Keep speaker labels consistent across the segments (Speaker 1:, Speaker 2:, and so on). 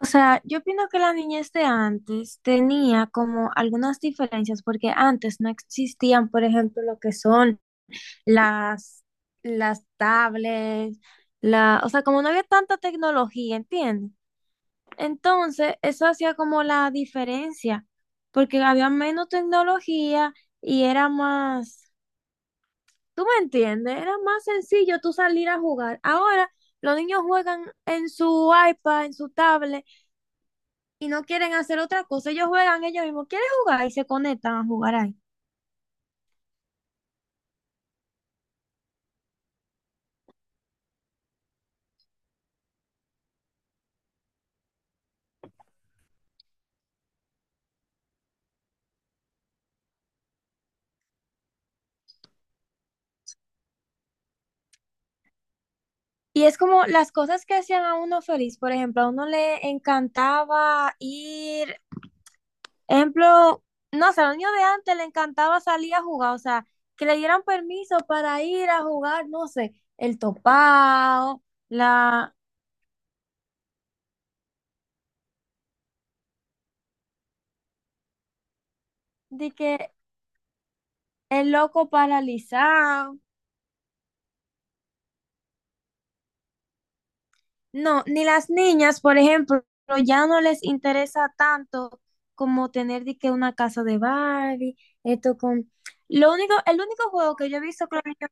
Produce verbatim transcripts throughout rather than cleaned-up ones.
Speaker 1: O sea, yo opino que la niñez de antes tenía como algunas diferencias, porque antes no existían, por ejemplo, lo que son las, las tablets, la, o sea, como no había tanta tecnología, ¿entiendes? Entonces, eso hacía como la diferencia, porque había menos tecnología y era más, ¿tú me entiendes? Era más sencillo tú salir a jugar. Ahora los niños juegan en su iPad, en su tablet y no quieren hacer otra cosa. Ellos juegan ellos mismos, quieren jugar y se conectan a jugar ahí. Y es como las cosas que hacían a uno feliz. Por ejemplo, a uno le encantaba ir, ejemplo, no sé, a los niños de antes le encantaba salir a jugar, o sea, que le dieran permiso para ir a jugar, no sé, el topado, la, de que el loco paralizado. No, ni las niñas, por ejemplo, ya no les interesa tanto como tener de que una casa de Barbie, esto con... Lo único, el único juego que yo he visto que los niños-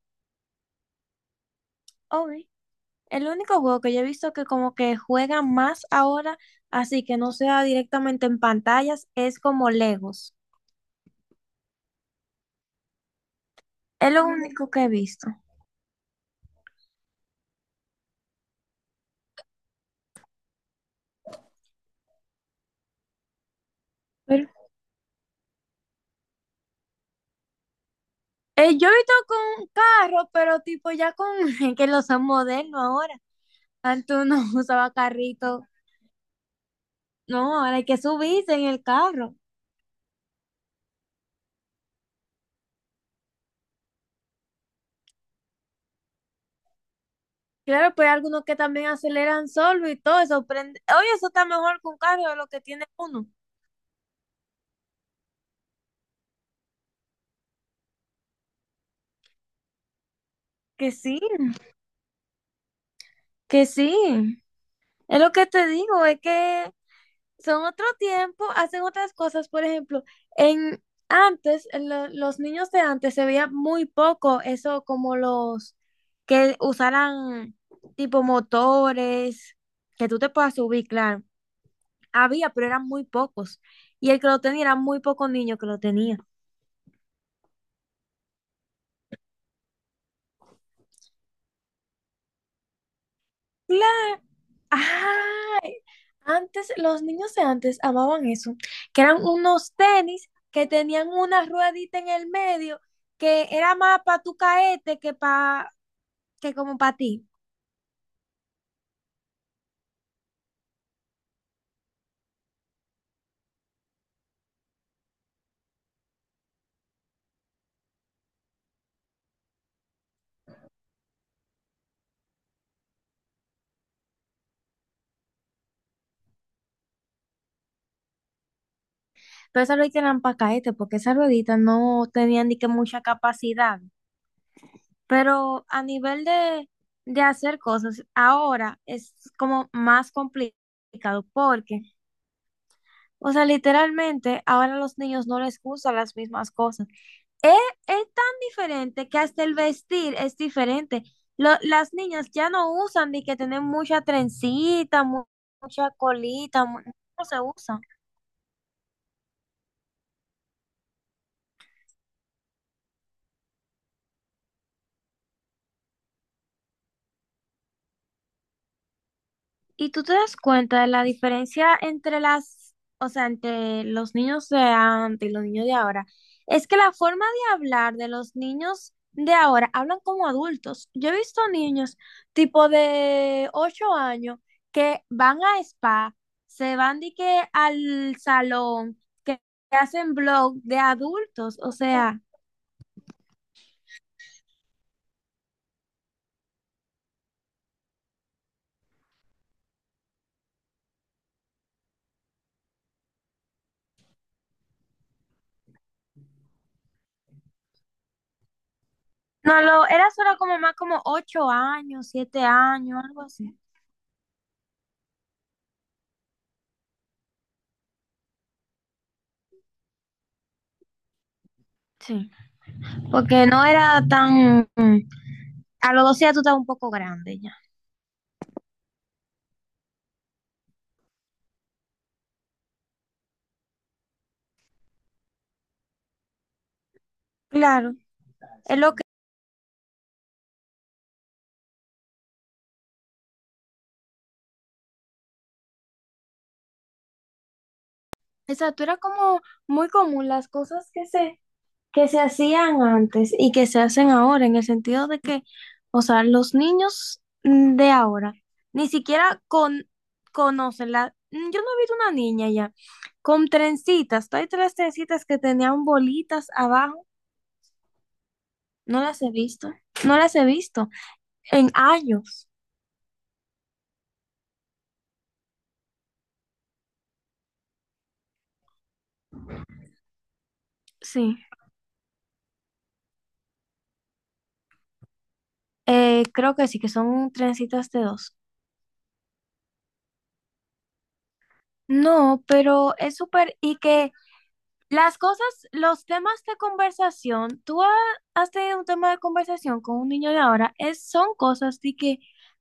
Speaker 1: oh, eh, el único juego que yo he visto que como que juegan más ahora, así que no sea directamente en pantallas, es como Legos. Es lo único que he visto. Pero- Eh, yo he visto con carro, pero tipo ya con que los son modernos ahora. Antes uno usaba carrito. No, ahora hay que subirse en el carro. Claro, pues hay algunos que también aceleran solo y todo eso. Prende... Oye, eso está mejor que un carro de lo que tiene uno. Que sí, que sí. Es lo que te digo, es que son otro tiempo, hacen otras cosas. Por ejemplo, en antes, en lo- los niños de antes se veía muy poco eso como los que usaran tipo motores, que tú te puedas subir, claro. Había, pero eran muy pocos. Y el que lo tenía, eran muy pocos niños que lo tenían. Claro. Ay, antes, los niños de antes amaban eso, que eran unos tenis que tenían una ruedita en el medio, que era más para tu caete que pa que como para ti. Pero esas rueditas eran para caete, porque esas rueditas no tenían ni que mucha capacidad. Pero a nivel de, de hacer cosas, ahora es como más complicado, porque o sea, literalmente, ahora a los niños no les gustan las mismas cosas. Es, es tan diferente que hasta el vestir es diferente. Lo- las niñas ya no usan ni que tienen mucha trencita, mu- mucha colita, mu- no se usa. Y tú te das cuenta de la diferencia entre las, o sea, entre los niños de antes y los niños de ahora. Es que la forma de hablar de los niños de ahora hablan como adultos. Yo he visto niños tipo de ocho años que van a spa, se van de que al salón, que hacen blog de adultos. O sea, no lo, era solo como más como ocho años, siete años, algo así. Sí, porque no era tan a los doce ya tú estás un poco grande ya. Claro, es lo que, exacto, era como muy común las cosas que se, que se hacían antes y que se hacen ahora, en el sentido de que, o sea, los niños de ahora ni siquiera con, conocen la, yo no he visto una niña ya, con trencitas, hay tres trencitas que tenían bolitas abajo, no las he visto, no las he visto en años, sí, eh, creo que sí, que son trencitas de dos. No, pero es súper, y que las cosas, los temas de conversación, tú ha- has tenido un tema de conversación con un niño de ahora, es, son cosas de que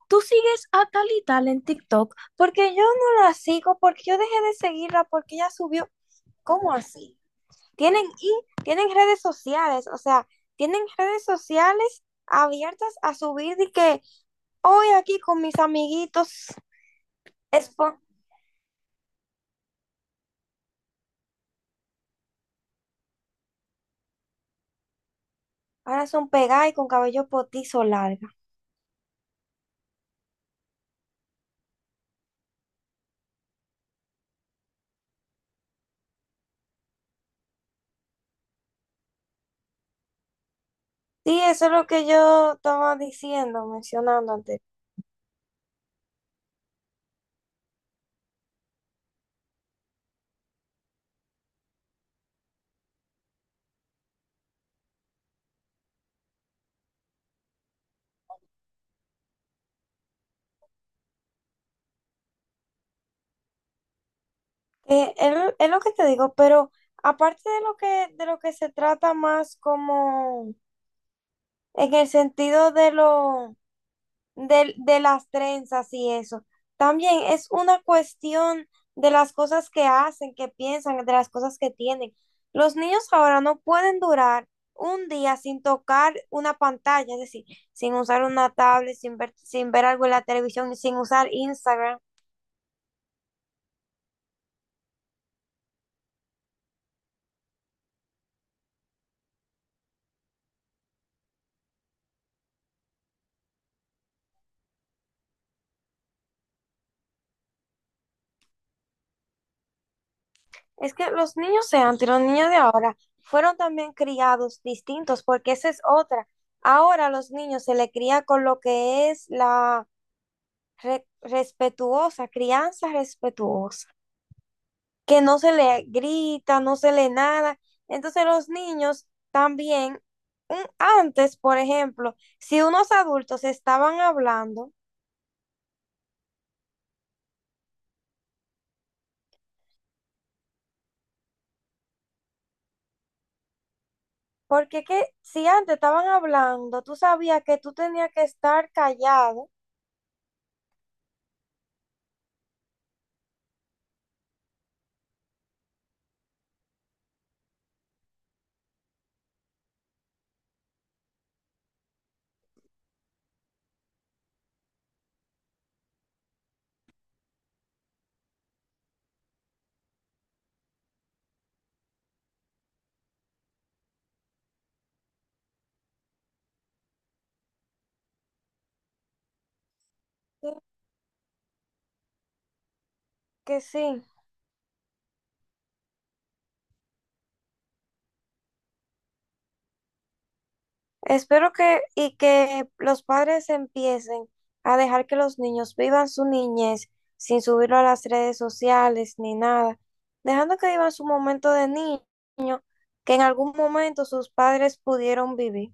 Speaker 1: tú sigues a tal y tal en TikTok, porque yo no la sigo, porque yo dejé de seguirla, porque ella subió. ¿Cómo así? Tienen, y tienen redes sociales, o sea, tienen redes sociales abiertas a subir de que hoy aquí con mis amiguitos, es, po- ahora son pegadas y con cabello potizo largo. Sí, eso es lo que yo estaba diciendo, mencionando antes. Eh, es, es lo que te digo, pero aparte de lo que, de lo que se trata más como en el sentido de lo, de, de las trenzas y eso, también es una cuestión de las cosas que hacen, que piensan, de las cosas que tienen. Los niños ahora no pueden durar un día sin tocar una pantalla, es decir, sin usar una tablet, sin ver, sin ver algo en la televisión, sin usar Instagram. Es que los niños de antes, los niños de ahora, fueron también criados distintos, porque esa es otra. Ahora a los niños se le cría con lo que es la re- respetuosa, crianza respetuosa, que no se le grita, no se le nada. Entonces los niños también, un- antes, por ejemplo, si unos adultos estaban hablando, porque que si antes estaban hablando, tú sabías que tú tenías que estar callado, que sí. Espero que y que los padres empiecen a dejar que los niños vivan su niñez sin subirlo a las redes sociales ni nada, dejando que vivan su momento de niño que en algún momento sus padres pudieron vivir.